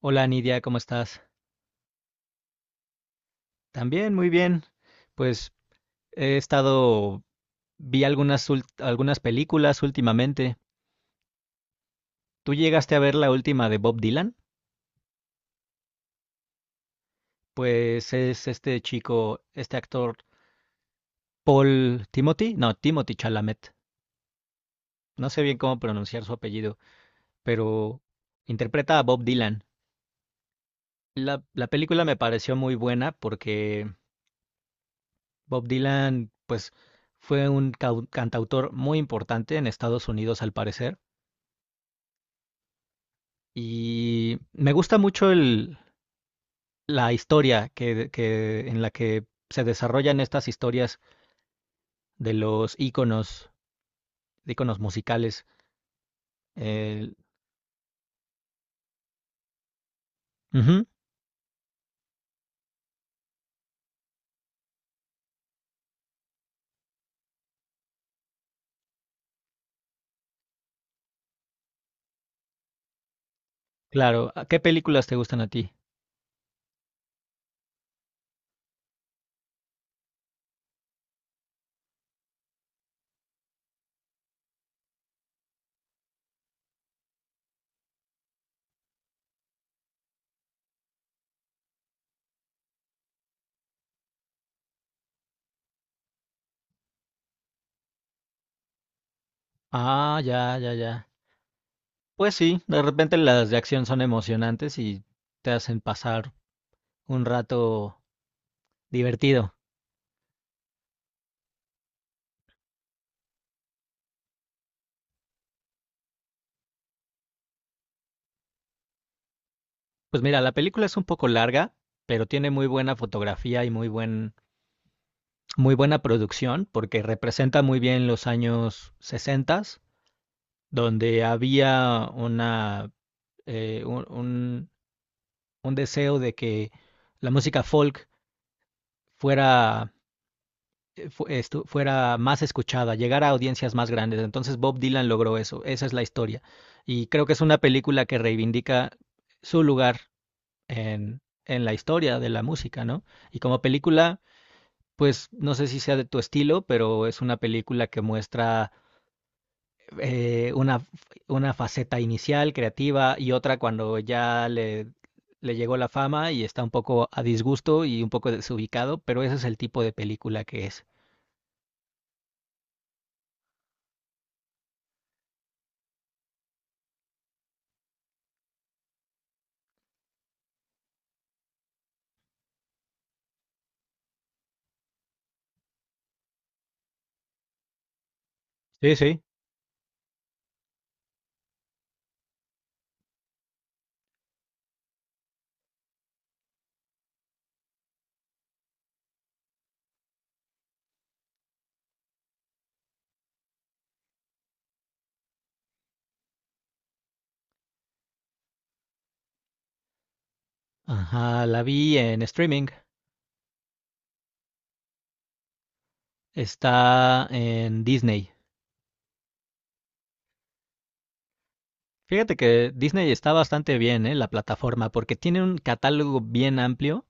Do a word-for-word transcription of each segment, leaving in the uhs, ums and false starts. Hola Nidia, ¿cómo estás? También, muy bien. Pues he estado, vi algunas, ult- algunas películas últimamente. ¿Tú llegaste a ver la última de Bob Dylan? Pues es este chico, este actor, Paul Timothy, no, Timothy Chalamet. No sé bien cómo pronunciar su apellido, pero interpreta a Bob Dylan. La, la película me pareció muy buena porque Bob Dylan, pues, fue un cau- cantautor muy importante en Estados Unidos, al parecer. Y me gusta mucho el, la historia que, que, en la que se desarrollan estas historias de los íconos, de íconos musicales. El- Ujú, claro. ¿A ¿Qué películas te gustan a ti? Ah, ya, ya, ya. Pues sí, de repente las de acción son emocionantes y te hacen pasar un rato divertido. Pues mira, la película es un poco larga, pero tiene muy buena fotografía y muy buen muy buena producción porque representa muy bien los años sesenta, donde había una, eh, un, un- un deseo de que la música folk fuera, eh, fu- estu- fuera más escuchada, llegara a audiencias más grandes. Entonces Bob Dylan logró eso, esa es la historia. Y creo que es una película que reivindica su lugar en, en la historia de la música, ¿no? Y como película, pues no sé si sea de tu estilo, pero es una película que muestra eh, una, una faceta inicial, creativa, y otra cuando ya le, le llegó la fama y está un poco a disgusto y un poco desubicado, pero ese es el tipo de película que es. Sí, sí. Ajá, la vi en streaming, está en Disney. Fíjate que Disney está bastante bien, ¿eh? La plataforma, porque tiene un catálogo bien amplio.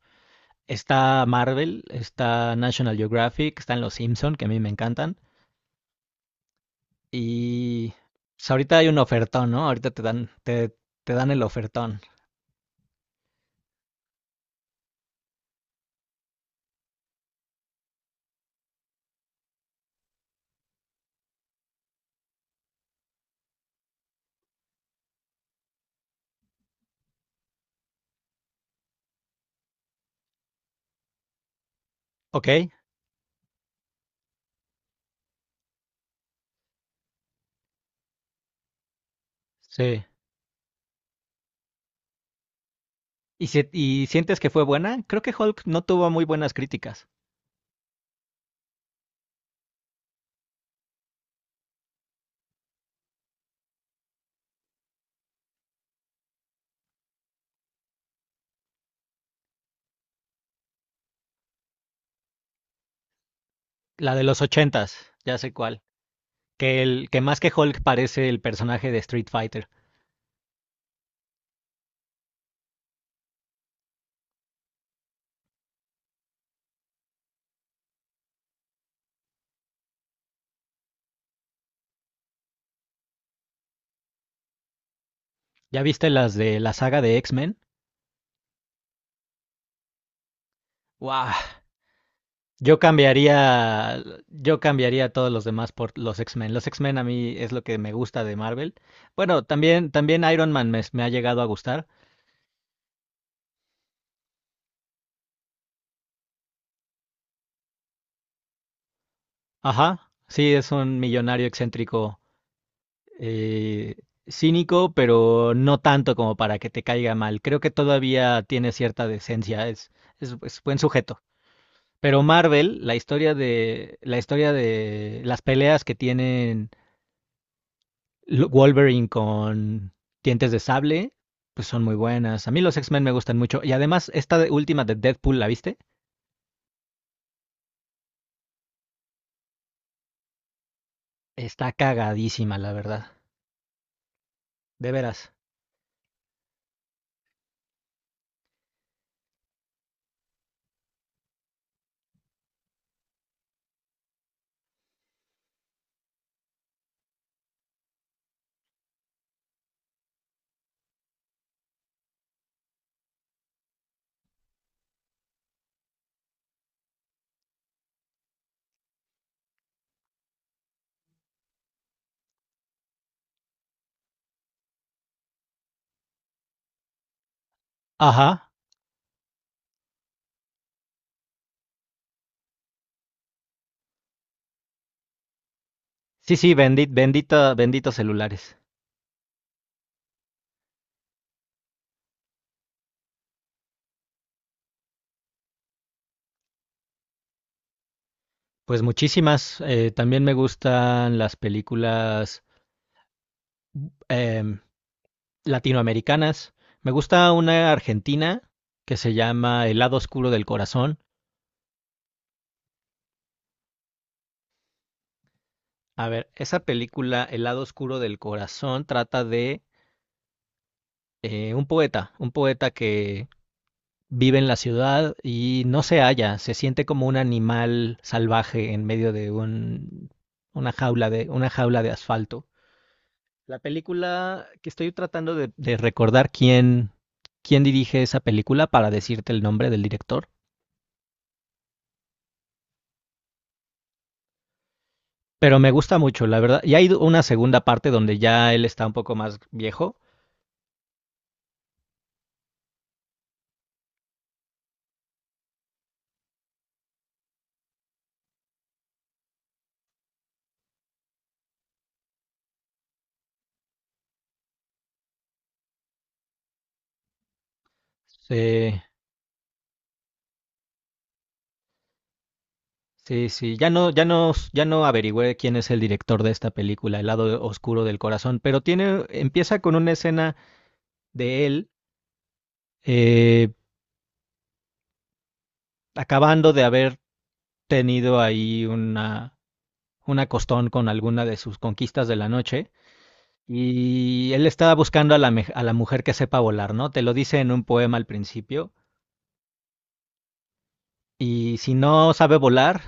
Está Marvel, está National Geographic, están Los Simpson, que a mí me encantan. Y pues ahorita hay un ofertón, ¿no? Ahorita te dan, te, te dan el ofertón. Ok, sí. ¿Y, si- y sientes que fue buena? Creo que Hulk no tuvo muy buenas críticas. La de los ochentas, ya sé cuál. Que el, que más que Hulk parece el personaje de Street Fighter. ¿Ya viste las de la saga de X-Men? ¡Wow! Yo cambiaría, yo cambiaría a todos los demás por los X-Men. Los X-Men a mí es lo que me gusta de Marvel. Bueno, también, también Iron Man me, me ha llegado a gustar. Ajá, sí, es un millonario excéntrico, eh, cínico, pero no tanto como para que te caiga mal. Creo que todavía tiene cierta decencia, es, es, es buen sujeto. Pero Marvel, la historia de, la historia de las peleas que tienen Lu- Wolverine con Dientes de Sable, pues son muy buenas. A mí los X-Men me gustan mucho. Y además, esta de- última de Deadpool, ¿la viste? Está cagadísima, la verdad. De veras. Ajá. Sí, sí, bendit, bendita, benditos celulares. Pues muchísimas. Eh, también me gustan las películas em, latinoamericanas. Me gusta una argentina que se llama El lado oscuro del corazón. A ver, esa película, El lado oscuro del corazón, trata de eh, un poeta, un poeta que vive en la ciudad y no se halla, se siente como un animal salvaje en medio de un, una jaula de, una jaula de asfalto. La película que estoy tratando de, de recordar quién, quién dirige esa película para decirte el nombre del director, pero me gusta mucho, la verdad. Y hay una segunda parte donde ya él está un poco más viejo. Sí, sí, sí. Ya no, ya no, ya no averigüé quién es el director de esta película, El lado oscuro del corazón, pero tiene, empieza con una escena de él, eh, acabando de haber tenido ahí una, una costón con alguna de sus conquistas de la noche. Y él estaba buscando a la, mej- a la mujer que sepa volar, ¿no? Te lo dice en un poema al principio. Y si no sabe volar,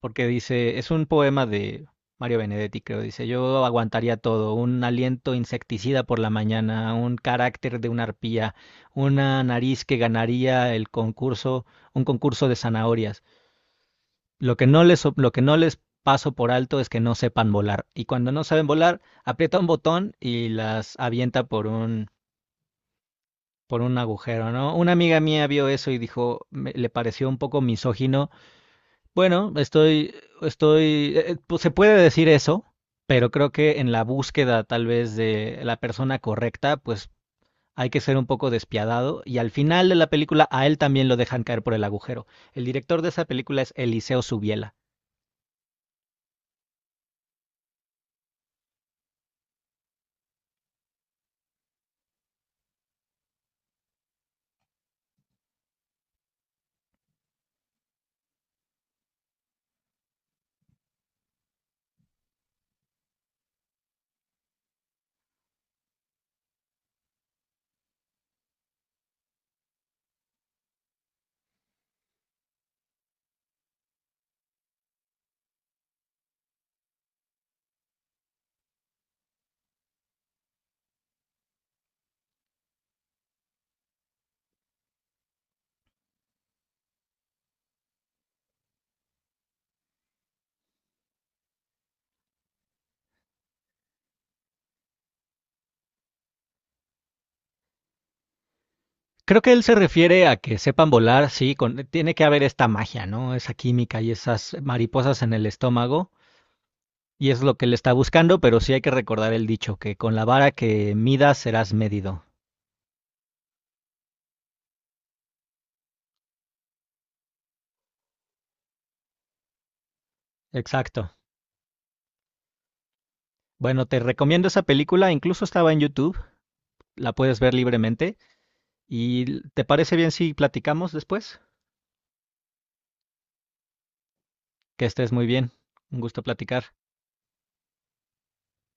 porque dice, es un poema de Mario Benedetti, creo, dice, yo aguantaría todo, un aliento insecticida por la mañana, un carácter de una arpía, una nariz que ganaría el concurso, un concurso de zanahorias. Lo que no les, lo que no les paso por alto es que no sepan volar. Y cuando no saben volar, aprieta un botón y las avienta por un por un agujero, ¿no? Una amiga mía vio eso y dijo, me- le pareció un poco misógino. Bueno, estoy, estoy, eh, eh, pues se puede decir eso, pero creo que en la búsqueda tal vez de la persona correcta, pues hay que ser un poco despiadado. Y al final de la película a él también lo dejan caer por el agujero. El director de esa película es Eliseo Subiela. Creo que él se refiere a que sepan volar, sí, con, tiene que haber esta magia, ¿no? Esa química y esas mariposas en el estómago. Y es lo que le está buscando, pero sí hay que recordar el dicho, que con la vara que midas serás medido. Exacto. Bueno, te recomiendo esa película, incluso estaba en YouTube, la puedes ver libremente. ¿Y te parece bien si platicamos después? Que estés muy bien. Un gusto platicar.